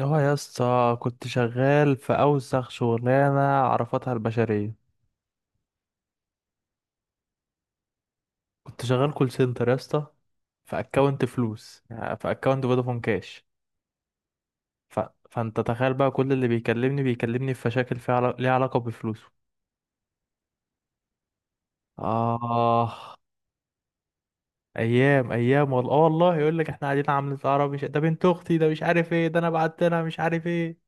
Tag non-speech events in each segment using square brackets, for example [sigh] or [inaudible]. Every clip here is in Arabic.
هو يا اسطى كنت شغال في اوسخ شغلانه عرفتها البشريه. كنت شغال كول سنتر يا اسطى، في اكونت فلوس، يعني في اكونت فودافون كاش. ف... فانت تخيل بقى كل اللي بيكلمني في مشاكل فيها ليها علاقه بفلوسه. اه، ايام ايام والله، اه والله يقول لك احنا قاعدين عاملين سهره، مش ده بنت اختي، ده مش عارف ايه، ده انا بعت لها مش عارف ايه.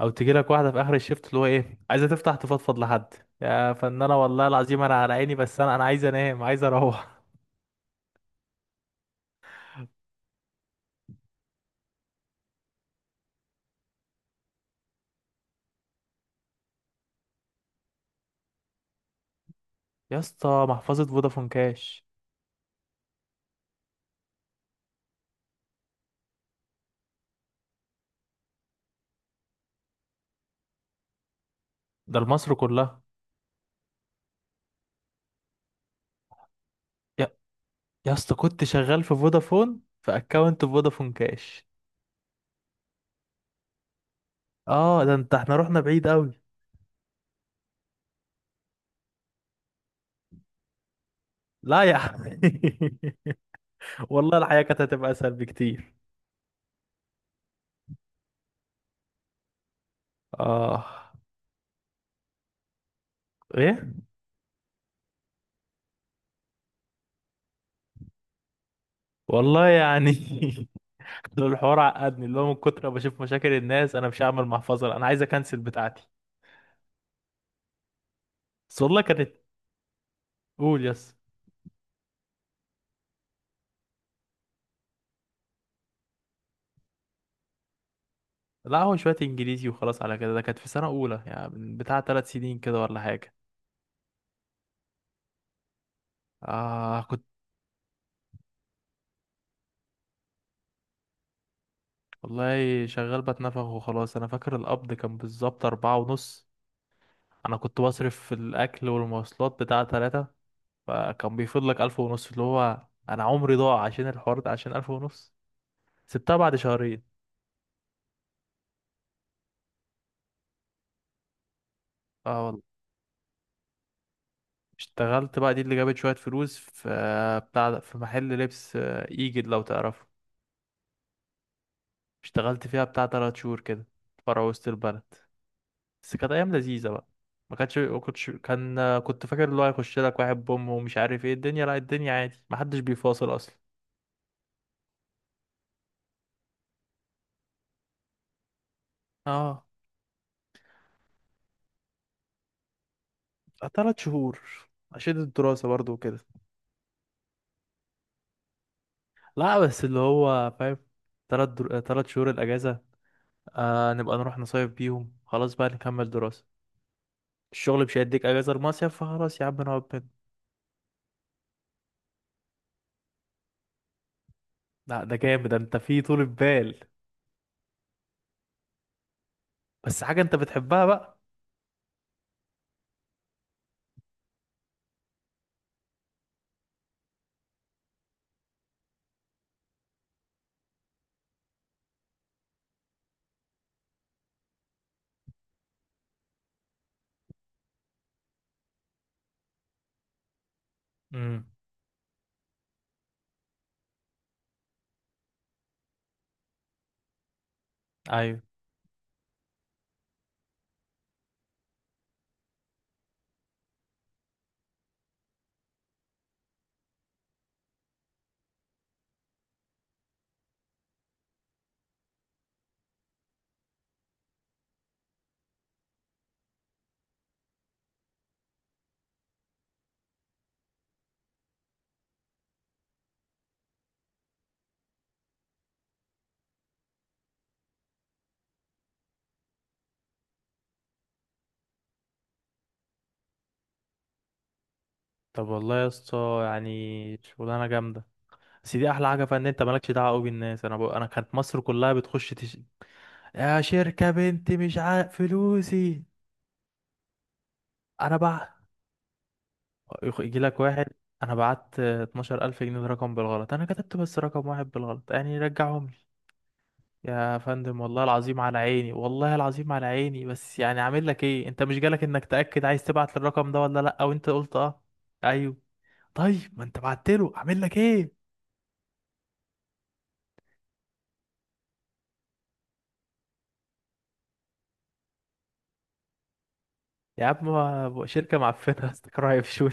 او تجي لك واحده في اخر الشفت اللي هو ايه، عايزه تفتح تفضفض لحد، يا فنانة والله العظيم انا على عيني، بس انا عايز انام، عايز اروح. يا اسطى محفظة فودافون كاش. ده لمصر كلها. يا يا اسطى، كنت شغال في فودافون، في اكونت فودافون كاش. اه ده انت احنا رحنا بعيد قوي. لا يا عم، [laughs] والله الحياة كانت هتبقى اسهل بكتير. اه، ايه، والله يعني [laughs] الحوار عقدني، اللي هو من كتر ما بشوف مشاكل الناس انا مش هعمل محفظة لا، انا عايز اكنسل بتاعتي. بس والله كانت، قول يس. لا هو شوية انجليزي وخلاص على كده، ده كانت في سنة اولى يعني من بتاع ثلاث سنين كده ولا حاجة. آه كنت. والله شغال بتنفخ وخلاص، انا فاكر القبض كان بالظبط اربعة ونص. انا كنت بصرف في الاكل والمواصلات بتاع تلاتة، فكان بيفضل لك الف ونص، اللي هو انا عمري ضاع عشان الحوار ده عشان الف ونص. سبتها بعد شهرين. اه والله، اشتغلت بقى دي اللي جابت شوية فلوس، في في محل لبس، آه، ايجد لو تعرفه. اشتغلت فيها بتاع تلات شهور كده، فرع وسط البلد. بس كانت ايام لذيذه بقى. ما كانتش ما كنتش كان كنت فاكر اللي هو هيخش لك واحد بوم ومش عارف ايه، الدنيا لا، الدنيا عادي ما حدش بيفاصل اصلا. اه، ثلاث شهور عشان الدراسه برضو وكده. لا بس اللي هو فاهم، ثلاث شهور الاجازه. آه نبقى نروح نصيف بيهم، خلاص بقى نكمل دراسه. الشغل مش هيديك اجازه المصيف، فخلاص يا عم نقعد بين. لا ده جامد، ده انت في طول بال. بس حاجه انت بتحبها بقى. امم، ايوه. طب والله يا اسطى يعني شغلانه جامده، بس دي احلى حاجه فيها ان مالكش دعوه قوي بالناس. انا كانت مصر كلها بتخش يا شركه بنتي مش عارف فلوسي. انا بع يجي لك واحد، انا بعت 12000 جنيه ده رقم بالغلط، انا كتبت بس رقم واحد بالغلط، يعني رجعهم لي. يا فندم والله العظيم على عيني، والله العظيم على عيني، بس يعني عامل لك ايه، انت مش جالك انك تاكد عايز تبعت للرقم ده ولا لا، او انت قلت اه، ايوه. طيب ما انت بعت له، اعمل لك ايه. يا عم شركه معفنه [laughs] استكراهي في شوي.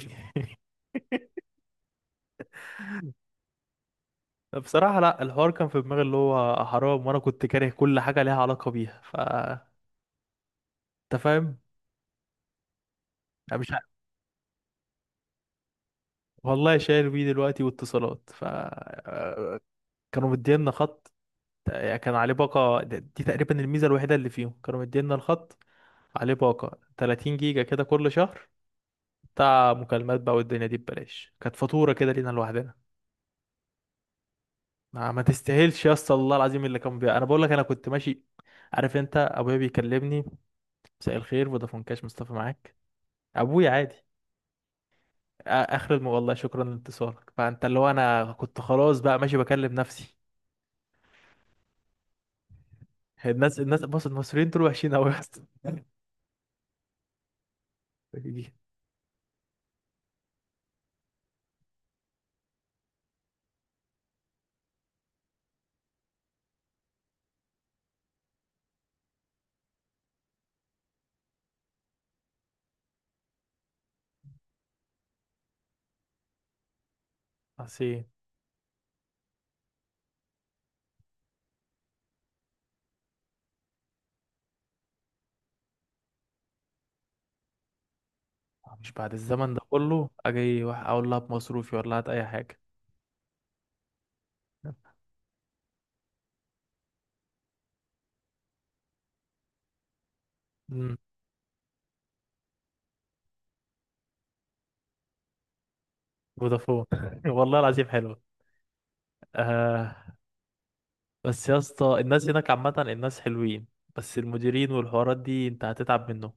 بصراحة لا، الحوار كان في دماغي اللي هو حرام، وانا كنت كاره كل حاجة ليها علاقة بيها، ف انت فاهم. انا مش عارف. والله شايل بيه دلوقتي واتصالات، ف كانوا مدينا خط، يعني كان عليه باقة، دي تقريبا الميزة الوحيدة اللي فيهم، كانوا مدينا الخط عليه باقة 30 جيجا كده كل شهر، بتاع مكالمات بقى، والدنيا دي ببلاش، كانت فاتورة كده لينا لوحدنا. ما تستاهلش يا اسطى، الله العظيم اللي كان بيها، انا بقول لك انا كنت ماشي عارف انت، ابويا بيكلمني: مساء الخير فودافون كاش مصطفى معاك. ابويا عادي والله شكرا لاتصالك. فانت اللي هو انا كنت خلاص بقى ماشي بكلم نفسي. الناس بص، المصريين دول وحشين قوي يا اسطى. دي عصير. مش بعد الزمن ده كله اجي واحد اقول لها بمصروفي ولا هات اي حاجه. امم، فودافون [laughs] والله العظيم حلوه. آه. بس يا اسطى الناس هناك عامه الناس حلوين، بس المديرين والحوارات دي انت هتتعب منه.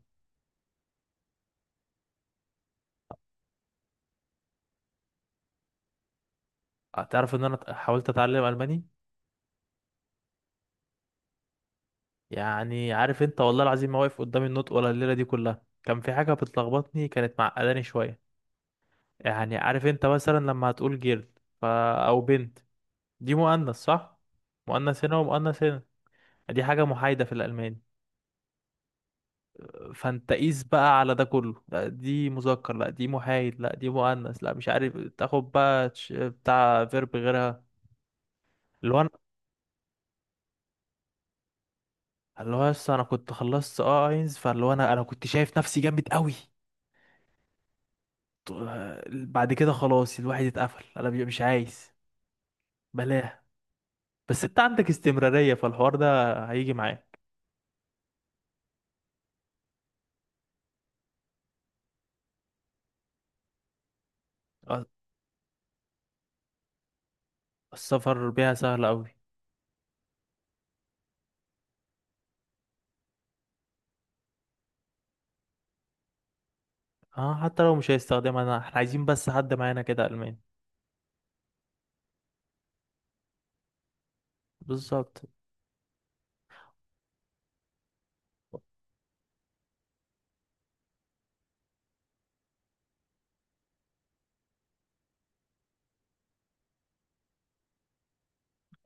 هتعرف ان حاولت اتعلم الماني. يعني عارف انت، والله العظيم ما واقف قدام النطق، ولا الليله دي كلها كان في حاجه بتلخبطني، كانت معقداني شويه. يعني عارف انت مثلا لما هتقول جيرل، او بنت، دي مؤنث صح؟ مؤنث هنا، ومؤنث هنا، دي حاجه محايده في الالماني. فانت قيس بقى على ده كله، لا دي مذكر، لا دي محايد، لا دي مؤنث، لا مش عارف، تاخد بقى بتاع فيرب غيرها. اللي هو انا اللي هو لسه انا كنت خلصت اه اينز، فاللي هو انا كنت شايف نفسي جامد قوي. بعد كده خلاص الواحد اتقفل، انا مش عايز، بلاها. بس انت عندك استمرارية، فالحوار ده هيجي معاك. أ- السفر بيها سهل قوي. اه، حتى لو مش هيستخدمها، انا احنا عايزين بس حد معانا كده الماني. بالظبط.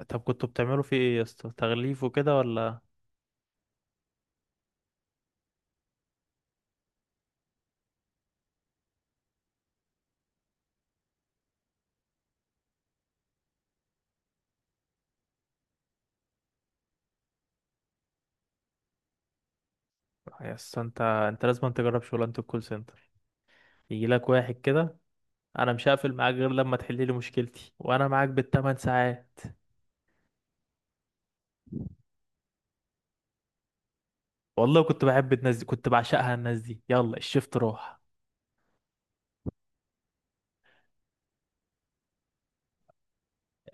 طب كنتوا بتعملوا فيه ايه يا اسطى، تغليف وكده ولا؟ يا اسطى انت لازم تجرب شغلانه الكول سنتر، يجي لك واحد كده، انا مش هقفل معاك غير لما تحل لي مشكلتي، وانا معاك بالثمان ساعات. والله كنت بحب الناس دي، كنت بعشقها الناس دي، يلا الشفت راح.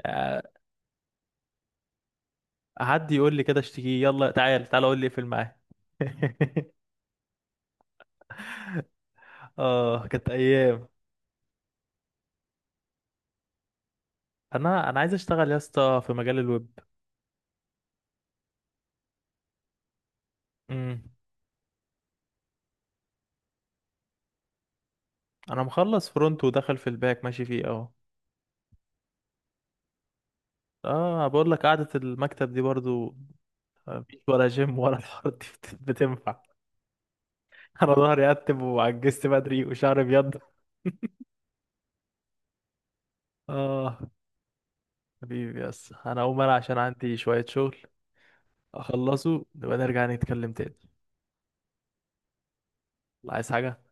آه، حد يقول لي كده اشتكيه، يلا تعال تعال قول لي اقفل معاه. [laughs] اه كانت ايام. انا عايز اشتغل يا اسطى في مجال الويب. امم. انا مخلص فرونت، ودخل في الباك ماشي فيه اهو. اه بقول لك قعدة المكتب دي برضو، مفيش ولا جيم ولا الحوارات دي بتنفع. [laughs] انا ظهري اتب، وعجزت بدري، وشعري ابيض. [laughs] اه، حبيبي يس انا اقوم انا عشان عندي شوية شغل، اخلصه نبقى نرجع نتكلم تاني. عايز حاجة؟